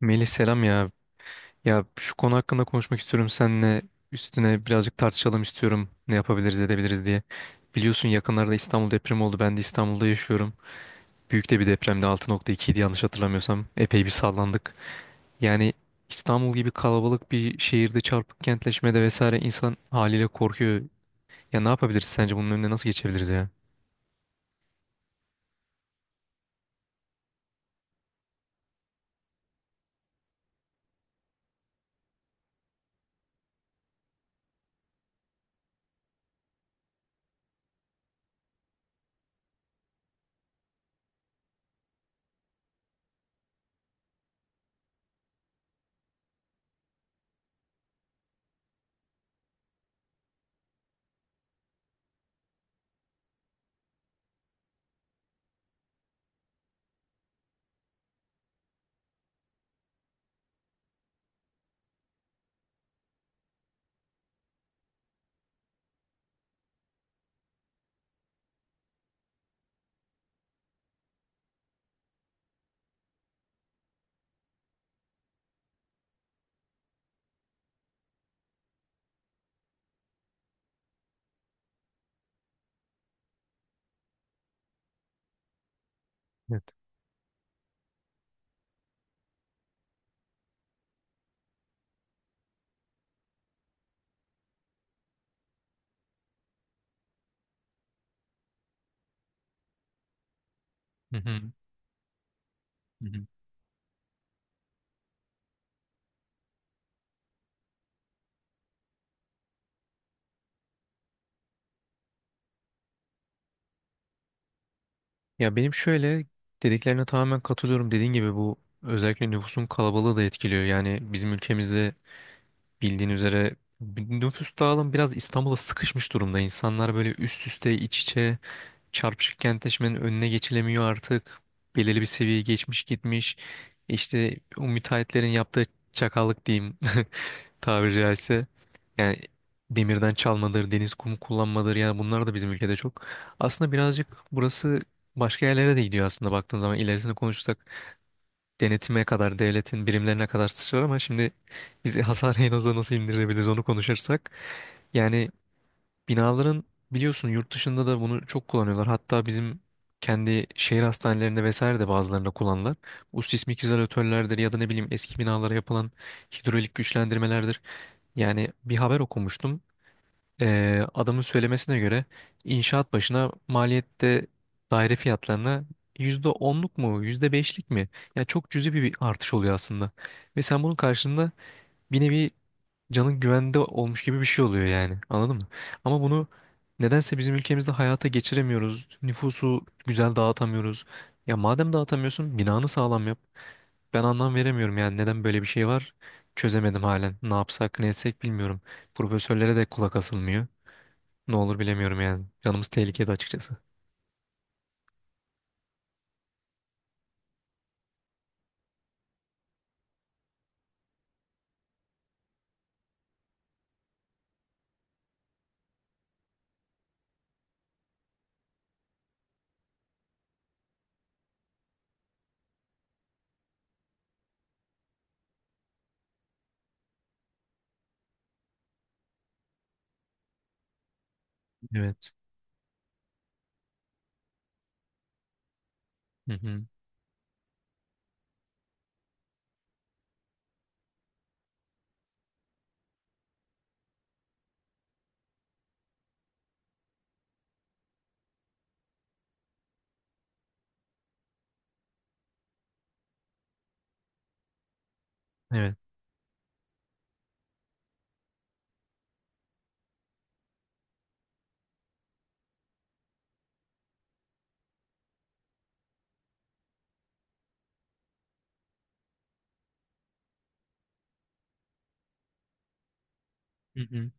Melih selam ya. Ya şu konu hakkında konuşmak istiyorum seninle. Üstüne birazcık tartışalım istiyorum. Ne yapabiliriz edebiliriz diye. Biliyorsun yakınlarda İstanbul depremi oldu. Ben de İstanbul'da yaşıyorum. Büyük de bir depremdi. Altı nokta ikiydi yanlış hatırlamıyorsam. Epey bir sallandık. Yani İstanbul gibi kalabalık bir şehirde çarpık kentleşmede vesaire insan haliyle korkuyor. Ya ne yapabiliriz sence bunun önüne nasıl geçebiliriz ya? Evet. Hı hı. Hı hı. Ya benim şöyle dediklerine tamamen katılıyorum. Dediğin gibi bu özellikle nüfusun kalabalığı da etkiliyor. Yani bizim ülkemizde bildiğin üzere nüfus dağılım biraz İstanbul'a sıkışmış durumda. İnsanlar böyle üst üste iç içe, çarpışık kentleşmenin önüne geçilemiyor artık. Belirli bir seviyeye geçmiş gitmiş. İşte o müteahhitlerin yaptığı çakallık diyeyim tabiri caizse. Yani demirden çalmadır, deniz kumu kullanmadır. Yani bunlar da bizim ülkede çok. Aslında birazcık burası başka yerlere de gidiyor aslında baktığın zaman. İlerisini konuşursak denetime kadar, devletin birimlerine kadar sıçrar ama şimdi bizi Hasane'yi nasıl indirebiliriz onu konuşursak. Yani binaların biliyorsun yurt dışında da bunu çok kullanıyorlar. Hatta bizim kendi şehir hastanelerinde vesaire de bazılarında kullanırlar. Bu sismik izolatörlerdir ya da ne bileyim eski binalara yapılan hidrolik güçlendirmelerdir. Yani bir haber okumuştum. Adamın söylemesine göre inşaat başına maliyette daire fiyatlarına %10'luk mu yüzde beşlik mi? Yani çok cüzi bir artış oluyor aslında. Ve sen bunun karşılığında bir nevi canın güvende olmuş gibi bir şey oluyor yani. Anladın mı? Ama bunu nedense bizim ülkemizde hayata geçiremiyoruz. Nüfusu güzel dağıtamıyoruz. Ya madem dağıtamıyorsun binanı sağlam yap. Ben anlam veremiyorum yani neden böyle bir şey var. Çözemedim halen. Ne yapsak ne etsek bilmiyorum. Profesörlere de kulak asılmıyor. Ne olur bilemiyorum yani. Canımız tehlikede açıkçası. Evet. Hı hı. Evet. Hı hı.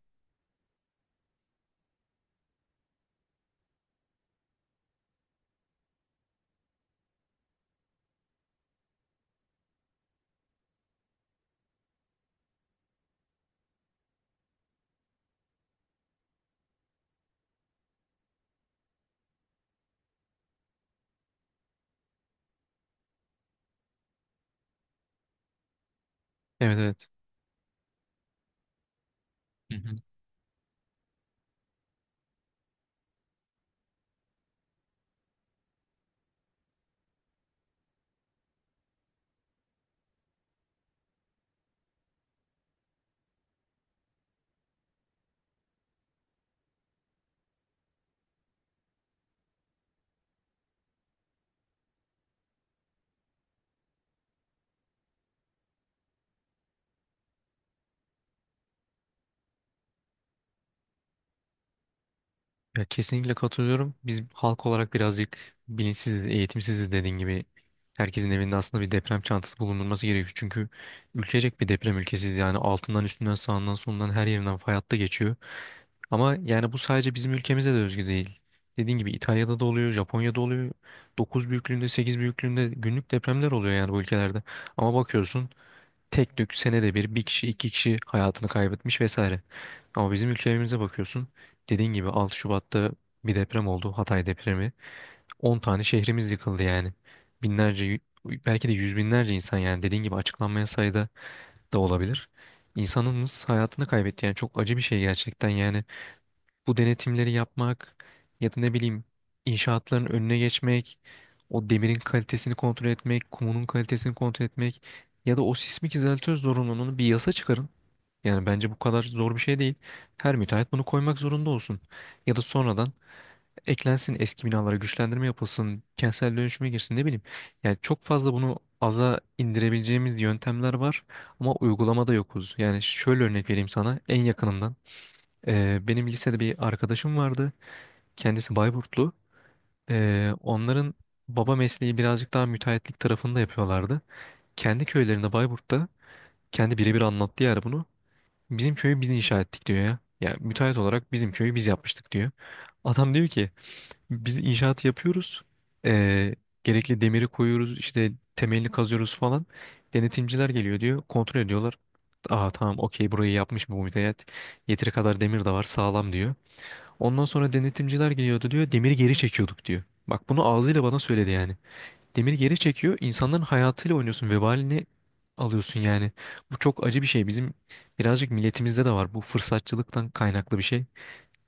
Evet, evet. Hı hı. Ya kesinlikle katılıyorum. Biz halk olarak birazcık bilinçsiziz, eğitimsiziz dediğin gibi. Herkesin evinde aslında bir deprem çantası bulundurması gerekiyor. Çünkü ülkecek bir deprem ülkesiyiz. Yani altından, üstünden, sağından, solundan her yerinden fay hattı geçiyor. Ama yani bu sadece bizim ülkemize de özgü değil. Dediğin gibi İtalya'da da oluyor, Japonya'da oluyor. 9 büyüklüğünde, 8 büyüklüğünde günlük depremler oluyor yani bu ülkelerde. Ama bakıyorsun tek tük senede bir bir kişi iki kişi hayatını kaybetmiş vesaire. Ama bizim ülkemize bakıyorsun. Dediğin gibi 6 Şubat'ta bir deprem oldu. Hatay depremi. 10 tane şehrimiz yıkıldı yani. Binlerce y- belki de yüz binlerce insan yani dediğin gibi açıklanmayan sayıda da olabilir. İnsanımız hayatını kaybetti yani çok acı bir şey gerçekten. Yani bu denetimleri yapmak ya da ne bileyim inşaatların önüne geçmek, o demirin kalitesini kontrol etmek, kumunun kalitesini kontrol etmek ya da o sismik izolatör zorunluluğunu bir yasa çıkarın. Yani bence bu kadar zor bir şey değil. Her müteahhit bunu koymak zorunda olsun. Ya da sonradan eklensin, eski binalara güçlendirme yapılsın, kentsel dönüşüme girsin ne bileyim. Yani çok fazla bunu aza indirebileceğimiz yöntemler var ama uygulamada yokuz. Yani şöyle örnek vereyim sana en yakınından. Benim lisede bir arkadaşım vardı. Kendisi Bayburtlu. Onların baba mesleği birazcık daha müteahhitlik tarafında yapıyorlardı. Kendi köylerinde Bayburt'ta kendi birebir anlattı yani bunu. Bizim köyü biz inşa ettik diyor ya. Yani müteahhit olarak bizim köyü biz yapmıştık diyor. Adam diyor ki biz inşaatı yapıyoruz. Ee, gerekli demiri koyuyoruz işte temelini kazıyoruz falan. Denetimciler geliyor diyor kontrol ediyorlar. Aa tamam okey burayı yapmış mı bu müteahhit. Yeteri kadar demir de var sağlam diyor. Ondan sonra denetimciler geliyordu diyor. Demiri geri çekiyorduk diyor. Bak bunu ağzıyla bana söyledi yani. Demiri geri çekiyor, insanların hayatıyla oynuyorsun. Vebalini alıyorsun yani. Bu çok acı bir şey. Bizim birazcık milletimizde de var. Bu fırsatçılıktan kaynaklı bir şey.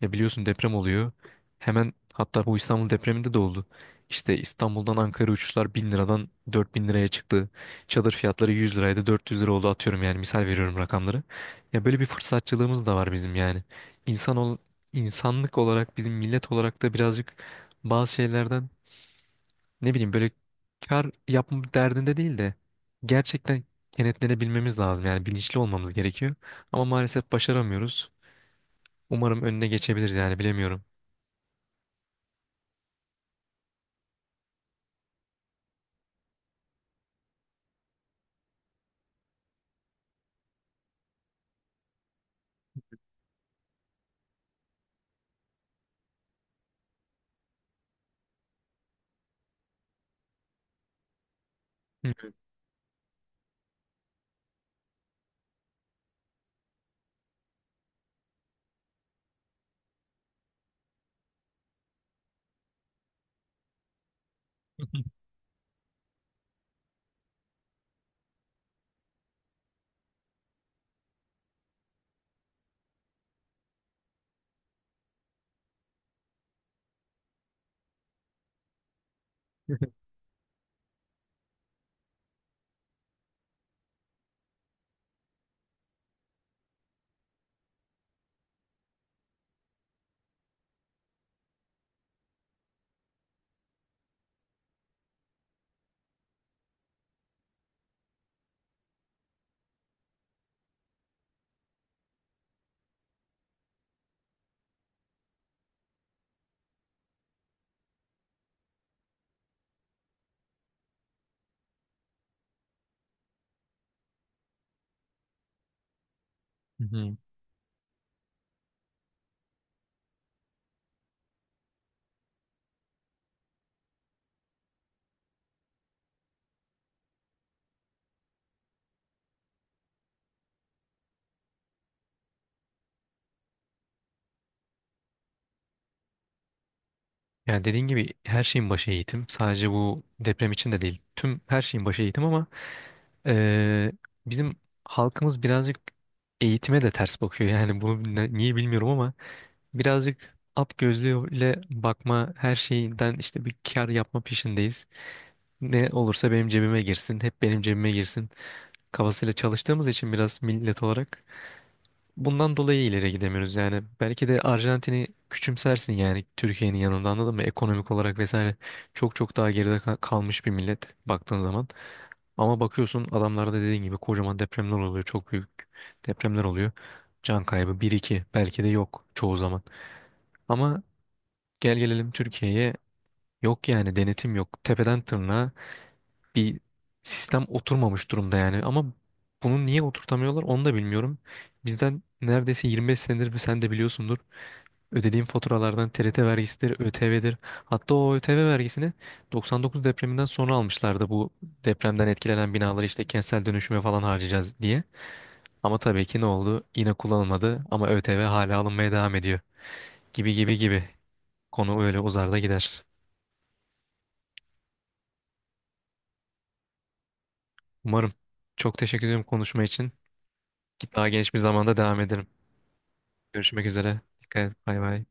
Ya biliyorsun deprem oluyor. Hemen hatta bu İstanbul depreminde de oldu. İşte İstanbul'dan Ankara uçuşlar 1000 liradan 4000 liraya çıktı. Çadır fiyatları 100 liraydı 400 lira oldu atıyorum yani misal veriyorum rakamları. Ya böyle bir fırsatçılığımız da var bizim yani. İnsan ol, insanlık olarak bizim millet olarak da birazcık bazı şeylerden ne bileyim böyle kar yapma derdinde değil de gerçekten kenetlenebilmemiz lazım yani bilinçli olmamız gerekiyor. Ama maalesef başaramıyoruz. Umarım önüne geçebiliriz yani bilemiyorum. Hı hı. Yani dediğin gibi her şeyin başı eğitim. Sadece bu deprem için de değil. Tüm her şeyin başı eğitim ama eee, bizim halkımız birazcık eğitime de ters bakıyor. Yani bunu niye bilmiyorum ama birazcık at gözlüğüyle bakma, her şeyden işte bir kar yapma peşindeyiz. Ne olursa benim cebime girsin, hep benim cebime girsin kafasıyla çalıştığımız için biraz millet olarak bundan dolayı ileri gidemiyoruz yani. Belki de Arjantin'i küçümsersin yani Türkiye'nin yanında anladın mı? Ekonomik olarak vesaire çok çok daha geride kalmış bir millet baktığın zaman. Ama bakıyorsun adamlarda dediğin gibi kocaman depremler oluyor. Çok büyük depremler oluyor. Can kaybı bir iki belki de yok çoğu zaman. Ama gel gelelim Türkiye'ye, yok yani denetim yok. Tepeden tırnağa bir sistem oturmamış durumda yani. Ama bunu niye oturtamıyorlar onu da bilmiyorum. Bizden neredeyse 25 senedir sen de biliyorsundur. Ödediğim faturalardan TRT vergisidir, ÖTV'dir. Hatta o ÖTV vergisini 99 depreminden sonra almışlardı, bu depremden etkilenen binaları işte kentsel dönüşüme falan harcayacağız diye. Ama tabii ki ne oldu? Yine kullanılmadı ama ÖTV hala alınmaya devam ediyor. Gibi gibi gibi. Konu öyle uzar da gider. Umarım. Çok teşekkür ederim konuşma için. Daha geniş bir zamanda devam ederim. Görüşmek üzere. Dikkat et. Bay bay.